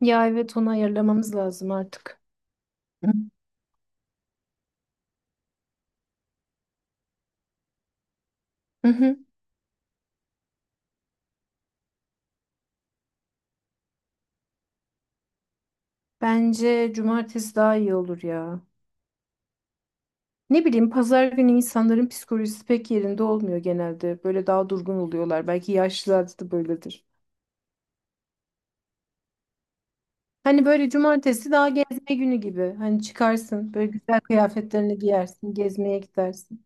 Ya evet onu ayarlamamız lazım artık. Hı hı. Hı. Bence cumartesi daha iyi olur ya. Ne bileyim pazar günü insanların psikolojisi pek yerinde olmuyor genelde. Böyle daha durgun oluyorlar. Belki yaşlılarda da böyledir. Hani böyle cumartesi daha gezme günü gibi. Hani çıkarsın böyle güzel kıyafetlerini giyersin, gezmeye gidersin.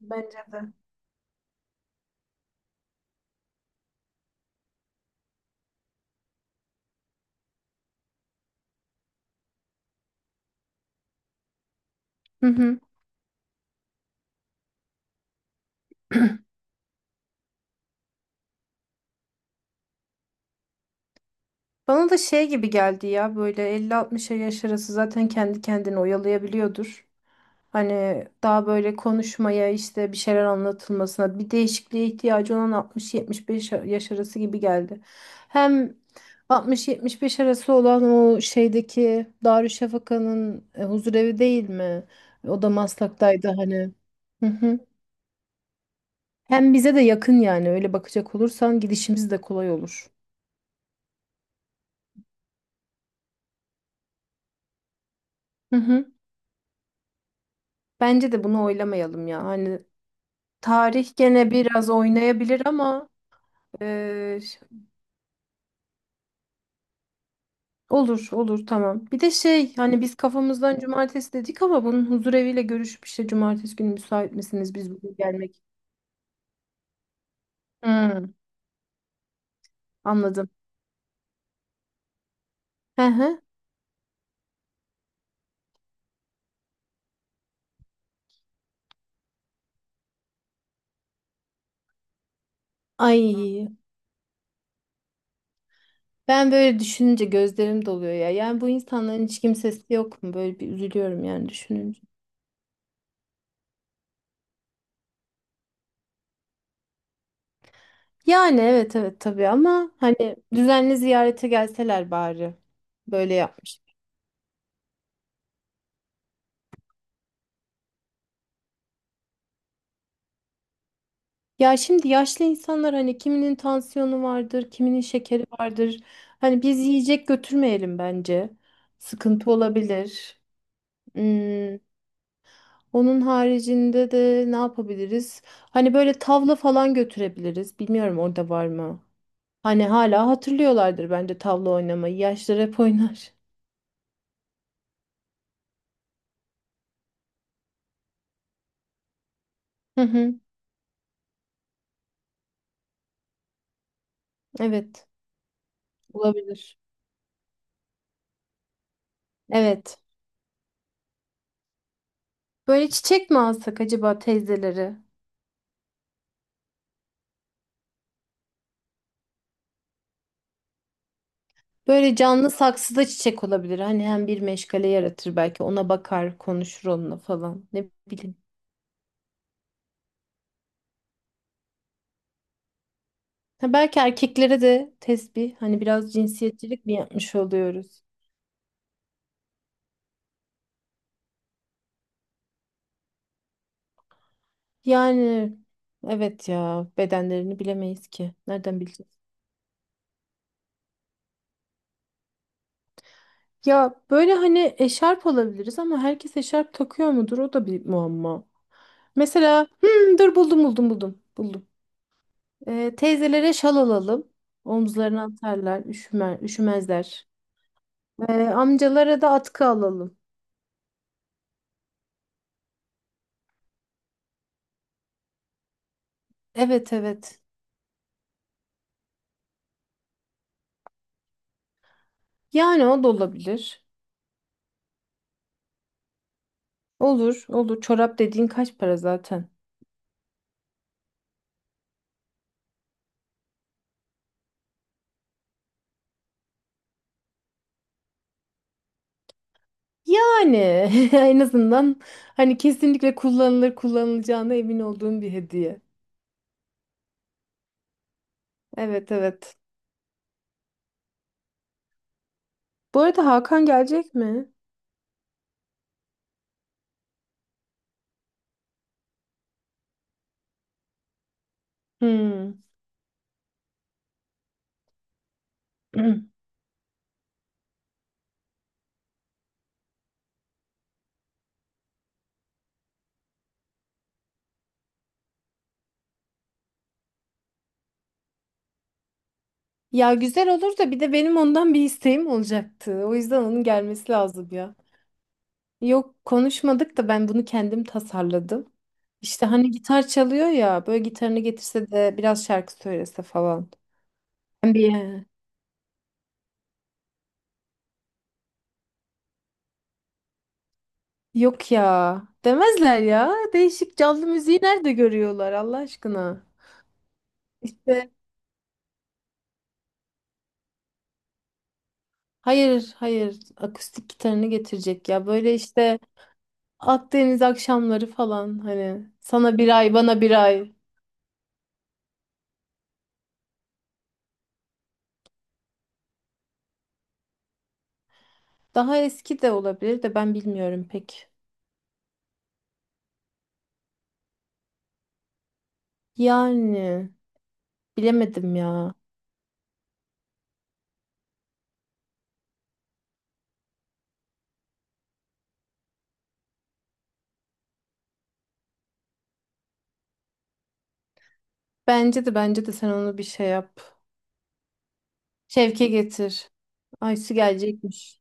Bence de. Hı hı. Bana da şey gibi geldi ya böyle 50 60a yaş arası zaten kendi kendini oyalayabiliyordur. Hani daha böyle konuşmaya işte bir şeyler anlatılmasına bir değişikliğe ihtiyacı olan 60-75 yaş arası gibi geldi. Hem 60-75 arası olan o şeydeki Darüşşafaka'nın huzurevi değil mi? O da Maslak'taydı hani. Hı hı. Hem bize de yakın yani öyle bakacak olursan gidişimiz de kolay olur. Hı hı. Bence de bunu oylamayalım ya. Hani tarih gene biraz oynayabilir ama eee, olur olur tamam. Bir de şey hani biz kafamızdan cumartesi dedik ama bunun huzureviyle görüşüp işte cumartesi günü müsait misiniz biz bugün gelmek? Hmm, anladım. Hı hı. Ay ben böyle düşününce gözlerim doluyor ya. Yani bu insanların hiç kimsesi yok mu? Böyle bir üzülüyorum yani düşününce. Yani evet evet tabii ama hani düzenli ziyarete gelseler bari. Böyle yap. Ya şimdi yaşlı insanlar hani kiminin tansiyonu vardır, kiminin şekeri vardır. Hani biz yiyecek götürmeyelim bence. Sıkıntı olabilir. Hmm, onun haricinde de ne yapabiliriz? Hani böyle tavla falan götürebiliriz. Bilmiyorum orada var mı? Hani hala hatırlıyorlardır bence tavla oynamayı. Yaşlılar hep oynar. Hı hı, evet, olabilir. Evet. Böyle çiçek mi alsak acaba teyzeleri? Böyle canlı saksıda çiçek olabilir. Hani hem bir meşgale yaratır belki. Ona bakar, konuşur onunla falan. Ne bileyim. Ha, belki erkeklere de tesbih. Hani biraz cinsiyetçilik mi yapmış oluyoruz? Yani evet ya bedenlerini bilemeyiz ki. Nereden bileceğiz? Ya böyle hani eşarp olabiliriz ama herkes eşarp takıyor mudur? O da bir muamma. Mesela dur buldum buldum buldum. Buldum. Teyzelere şal alalım. Omuzlarına atarlar, üşümezler. Amcalara da atkı alalım. Evet evet. Yani o da olabilir. Olur olur. Çorap dediğin kaç para zaten? Yani en azından hani kesinlikle kullanılacağına emin olduğum bir hediye. Evet evet. Bu arada Hakan gelecek mi? Hmm. Ya güzel olur da bir de benim ondan bir isteğim olacaktı. O yüzden onun gelmesi lazım ya. Yok konuşmadık da ben bunu kendim tasarladım. İşte hani gitar çalıyor ya böyle gitarını getirse de biraz şarkı söylese falan. Ben bir yok ya demezler ya. Değişik canlı müziği nerede görüyorlar Allah aşkına. İşte hayır hayır akustik gitarını getirecek ya böyle işte Akdeniz akşamları falan hani sana bir ay bana bir ay. Daha eski de olabilir de ben bilmiyorum pek. Yani bilemedim ya. Bence de sen onu bir şey yap. Şevke getir. Aysu gelecekmiş.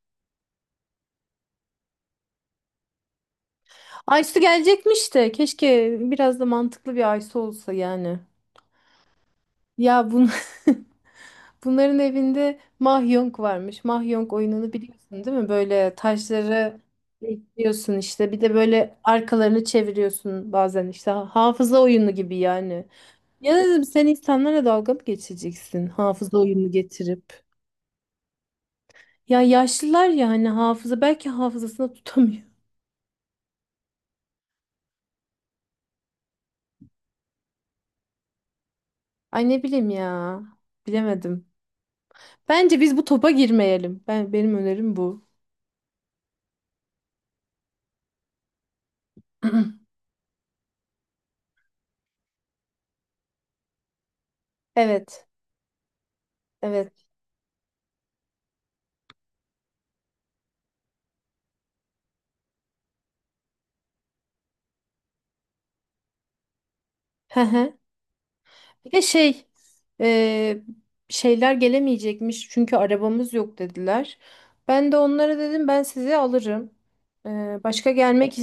Aysu gelecekmiş de keşke biraz da mantıklı bir Aysu olsa yani. Ya bunların evinde Mahjong varmış. Mahjong oyununu biliyorsun değil mi? Böyle taşları ekliyorsun işte. Bir de böyle arkalarını çeviriyorsun bazen işte hafıza oyunu gibi yani. Ya dedim sen insanlara dalga mı geçeceksin hafıza oyunu getirip? Ya yaşlılar ya hani hafıza belki hafızasını tutamıyor. Ay ne bileyim ya. Bilemedim. Bence biz bu topa girmeyelim. Benim önerim bu. Evet. Evet. Hı hı. Bir de e, şeyler gelemeyecekmiş çünkü arabamız yok dediler. Ben de onlara dedim ben sizi alırım. E, başka gelmek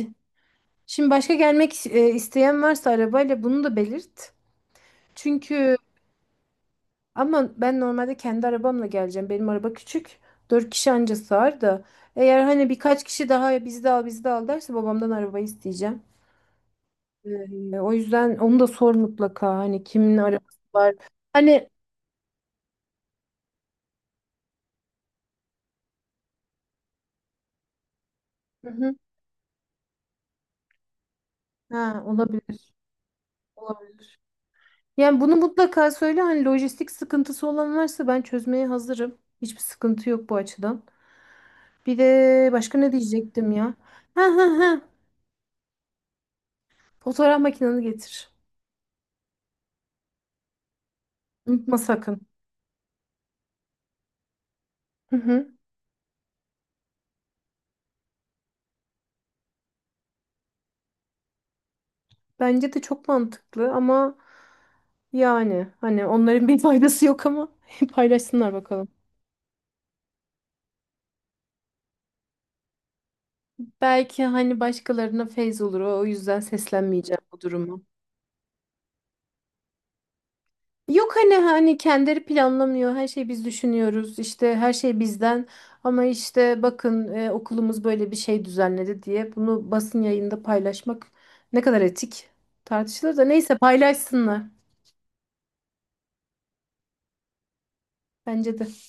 şimdi başka gelmek isteyen varsa arabayla bunu da belirt. Çünkü Ama ben normalde kendi arabamla geleceğim. Benim araba küçük. Dört kişi anca sığar da. Eğer hani birkaç kişi daha bizde al bizde al derse babamdan arabayı isteyeceğim. O yüzden onu da sor mutlaka. Hani kimin arabası var. Hani Hı hı. Ha, olabilir. Olabilir. Yani bunu mutlaka söyle. Hani lojistik sıkıntısı olan varsa ben çözmeye hazırım. Hiçbir sıkıntı yok bu açıdan. Bir de başka ne diyecektim ya? Ha ha ha. Fotoğraf makinanı getir. Unutma sakın. Hı hı. Bence de çok mantıklı ama yani hani onların bir faydası yok ama paylaşsınlar bakalım. Belki hani başkalarına feyz olur o yüzden seslenmeyeceğim bu durumu. Yok hani kendileri planlamıyor her şeyi biz düşünüyoruz işte her şey bizden ama işte bakın okulumuz böyle bir şey düzenledi diye bunu basın yayında paylaşmak ne kadar etik tartışılır da neyse paylaşsınlar bence de.